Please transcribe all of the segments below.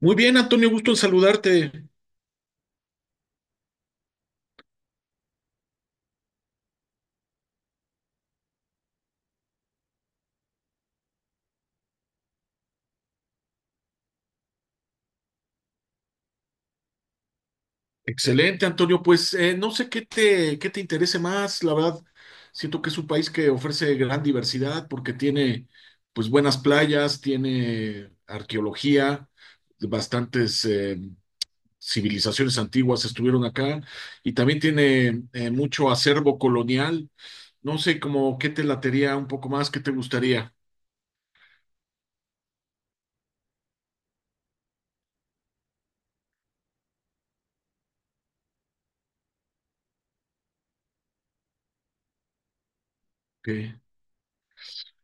Muy bien, Antonio, gusto en saludarte. Excelente, Antonio. Pues no sé qué te interese más, la verdad. Siento que es un país que ofrece gran diversidad porque tiene pues buenas playas, tiene arqueología, bastantes civilizaciones antiguas estuvieron acá y también tiene mucho acervo colonial. No sé, como qué te latería un poco más, qué te gustaría. Ok.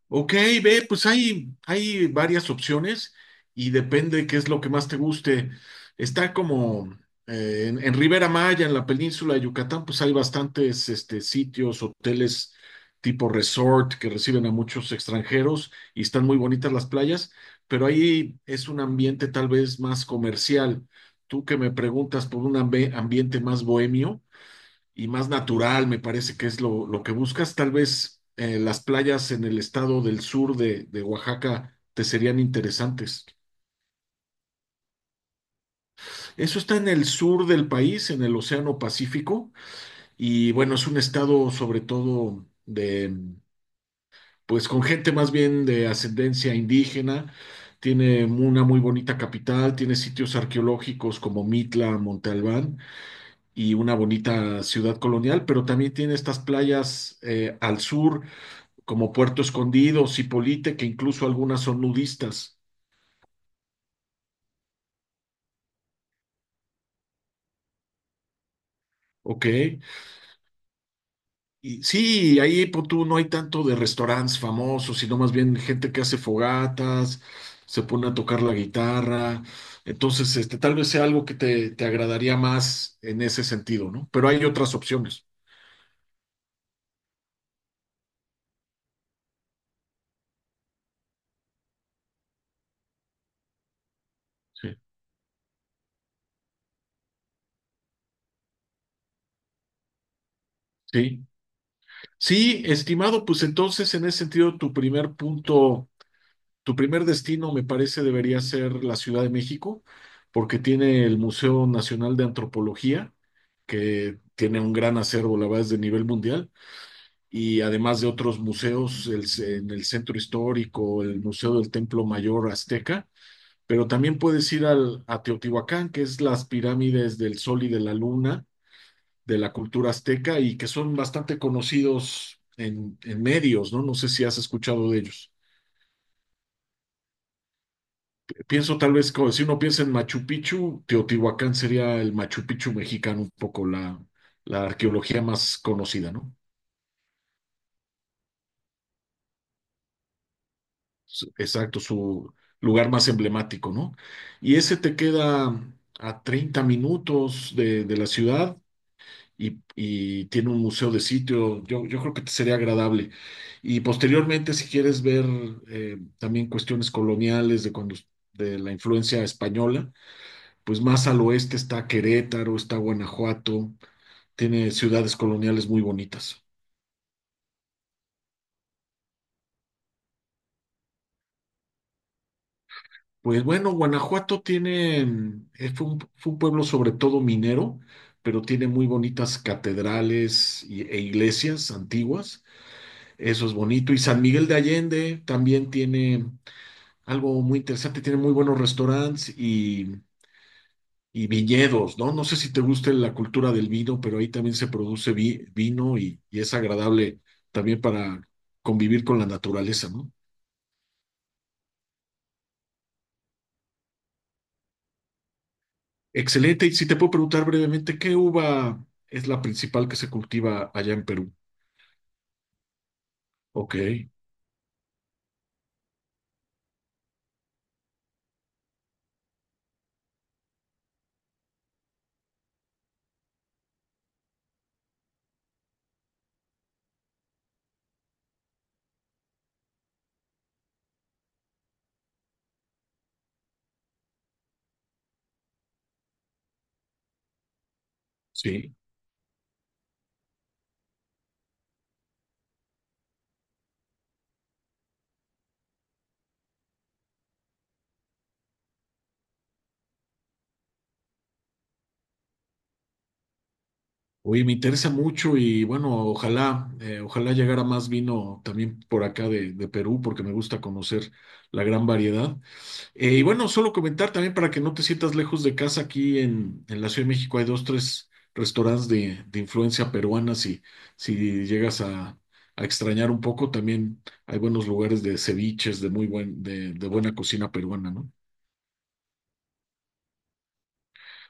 Ok, ve, pues hay varias opciones y depende qué es lo que más te guste. Está como en Ribera Maya, en la península de Yucatán, pues hay bastantes sitios, hoteles tipo resort que reciben a muchos extranjeros y están muy bonitas las playas, pero ahí es un ambiente tal vez más comercial. Tú que me preguntas por un ambiente más bohemio y más natural, me parece que es lo que buscas. Tal vez las playas en el estado del sur de Oaxaca te serían interesantes. Eso está en el sur del país, en el Océano Pacífico, y bueno, es un estado sobre todo pues con gente más bien de ascendencia indígena. Tiene una muy bonita capital, tiene sitios arqueológicos como Mitla, Monte Albán y una bonita ciudad colonial, pero también tiene estas playas al sur como Puerto Escondido, Cipolite, que incluso algunas son nudistas. Ok. Y sí, ahí pues, tú no hay tanto de restaurantes famosos, sino más bien gente que hace fogatas, se pone a tocar la guitarra. Entonces, tal vez sea algo que te agradaría más en ese sentido, ¿no? Pero hay otras opciones. Sí, sí, sí, estimado, pues entonces en ese sentido Tu primer destino, me parece, debería ser la Ciudad de México, porque tiene el Museo Nacional de Antropología, que tiene un gran acervo, la verdad, es de nivel mundial, y además de otros museos en el Centro Histórico, el Museo del Templo Mayor Azteca, pero también puedes ir a Teotihuacán, que es las pirámides del Sol y de la Luna de la cultura azteca y que son bastante conocidos en medios, ¿no? No sé si has escuchado de ellos. Pienso tal vez, si uno piensa en Machu Picchu, Teotihuacán sería el Machu Picchu mexicano, un poco la arqueología más conocida, ¿no? Exacto, su lugar más emblemático, ¿no? Y ese te queda a 30 minutos de la ciudad y tiene un museo de sitio, yo creo que te sería agradable. Y posteriormente, si quieres ver también cuestiones coloniales de la influencia española pues más al oeste está Querétaro, está Guanajuato, tiene ciudades coloniales muy bonitas. Pues bueno, Guanajuato tiene, mm, fue un pueblo sobre todo minero, pero tiene muy bonitas catedrales e iglesias antiguas, eso es bonito. Y San Miguel de Allende también tiene algo muy interesante, tiene muy buenos restaurantes y viñedos, ¿no? No sé si te gusta la cultura del vino, pero ahí también se produce vino y es agradable también para convivir con la naturaleza, ¿no? Excelente. Y si te puedo preguntar brevemente, ¿qué uva es la principal que se cultiva allá en Perú? Ok, sí. Oye, me interesa mucho y bueno, ojalá llegara más vino también por acá de Perú, porque me gusta conocer la gran variedad. Y bueno, solo comentar también para que no te sientas lejos de casa, aquí en la Ciudad de México hay dos, tres restaurantes de influencia peruana, si llegas a extrañar un poco, también hay buenos lugares de ceviches, de buena cocina peruana, ¿no?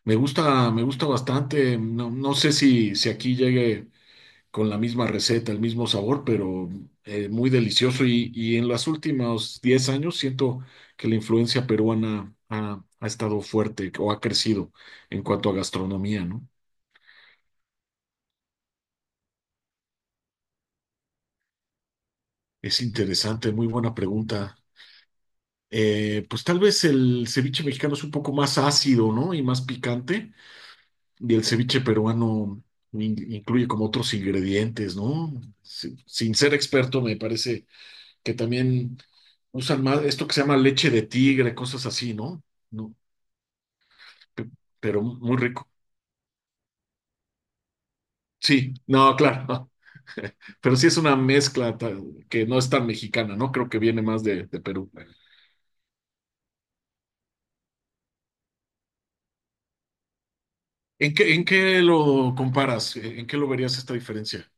Me gusta bastante, no, no sé si aquí llegue con la misma receta, el mismo sabor, pero muy delicioso. Y en los últimos 10 años siento que la influencia peruana ha estado fuerte o ha crecido en cuanto a gastronomía, ¿no? Es interesante, muy buena pregunta. Pues tal vez el ceviche mexicano es un poco más ácido, ¿no? Y más picante. Y el ceviche peruano incluye como otros ingredientes, ¿no? Sin ser experto, me parece que también usan más esto que se llama leche de tigre, cosas así, ¿no? No, pe- pero muy rico. Sí, no, claro, no. Pero sí es una mezcla que no es tan mexicana, ¿no? Creo que viene más de Perú. ¿En qué lo comparas? ¿En qué lo verías esta diferencia?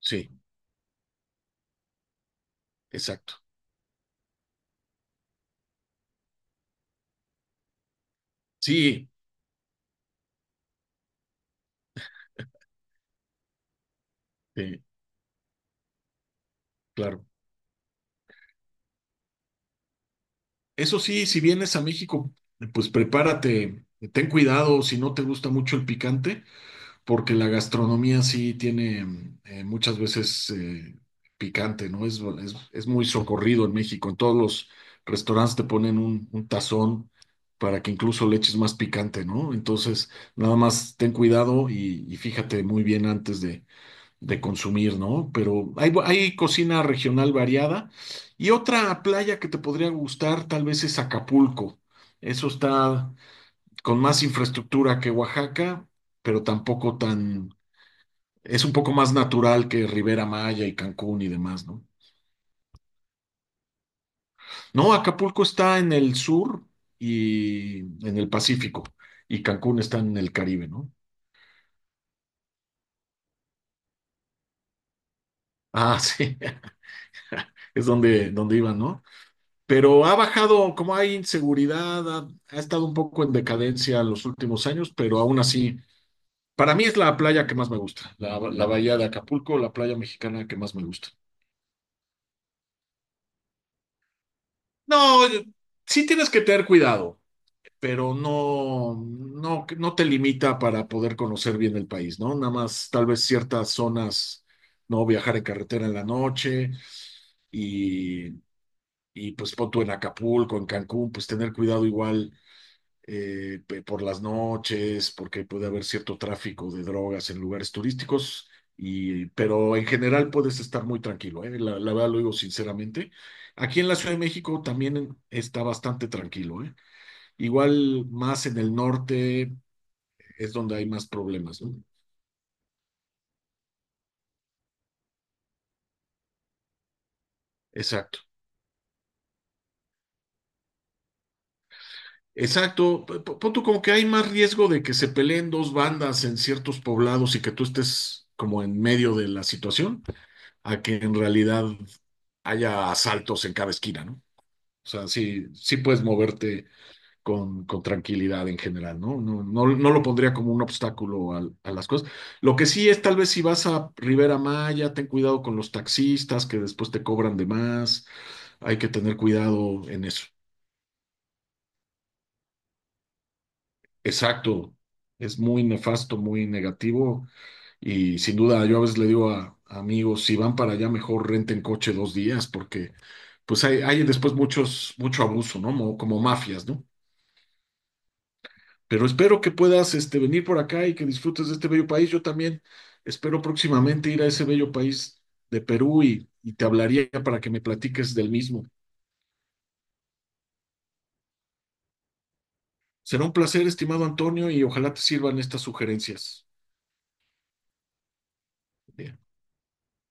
Sí, exacto. Sí, sí, claro. Eso sí, si vienes a México, pues prepárate, ten cuidado si no te gusta mucho el picante, porque la gastronomía sí tiene muchas veces picante, ¿no? Es muy socorrido en México. En todos los restaurantes te ponen un tazón para que incluso le eches más picante, ¿no? Entonces, nada más ten cuidado y fíjate muy bien antes de consumir, ¿no? Pero hay cocina regional variada. Y otra playa que te podría gustar tal vez es Acapulco. Eso está con más infraestructura que Oaxaca, pero tampoco tan, es un poco más natural que Rivera Maya y Cancún y demás, ¿no? No, Acapulco está en el sur y en el Pacífico, y Cancún está en el Caribe, ¿no? Ah, sí, es donde iban, ¿no? Pero ha bajado, como hay inseguridad, ha estado un poco en decadencia los últimos años, pero aún así, para mí es la playa que más me gusta, la bahía de Acapulco, la playa mexicana que más me gusta. No, sí tienes que tener cuidado, pero no, no, no te limita para poder conocer bien el país, ¿no? Nada más tal vez ciertas zonas, no viajar en carretera en la noche y, y pues pon tú en Acapulco, en Cancún, pues tener cuidado igual por las noches, porque puede haber cierto tráfico de drogas en lugares turísticos. Y, pero en general puedes estar muy tranquilo, ¿eh? La verdad lo digo sinceramente. Aquí en la Ciudad de México también está bastante tranquilo, ¿eh? Igual más en el norte es donde hay más problemas, ¿no? Exacto. Exacto. Pon tú como que hay más riesgo de que se peleen dos bandas en ciertos poblados y que tú estés como en medio de la situación, a que en realidad haya asaltos en cada esquina, ¿no? O sea, sí puedes moverte con tranquilidad en general, ¿no? No, no, no lo pondría como un obstáculo a, las cosas. Lo que sí es, tal vez si vas a Rivera Maya, ten cuidado con los taxistas que después te cobran de más. Hay que tener cuidado en eso. Exacto. Es muy nefasto, muy negativo. Y sin duda, yo a veces le digo a amigos, si van para allá, mejor renten coche 2 días, porque pues hay después mucho abuso, ¿no? Como mafias, ¿no? Pero espero que puedas venir por acá y que disfrutes de este bello país. Yo también espero próximamente ir a ese bello país de Perú y te hablaría para que me platiques del mismo. Será un placer, estimado Antonio, y ojalá te sirvan estas sugerencias.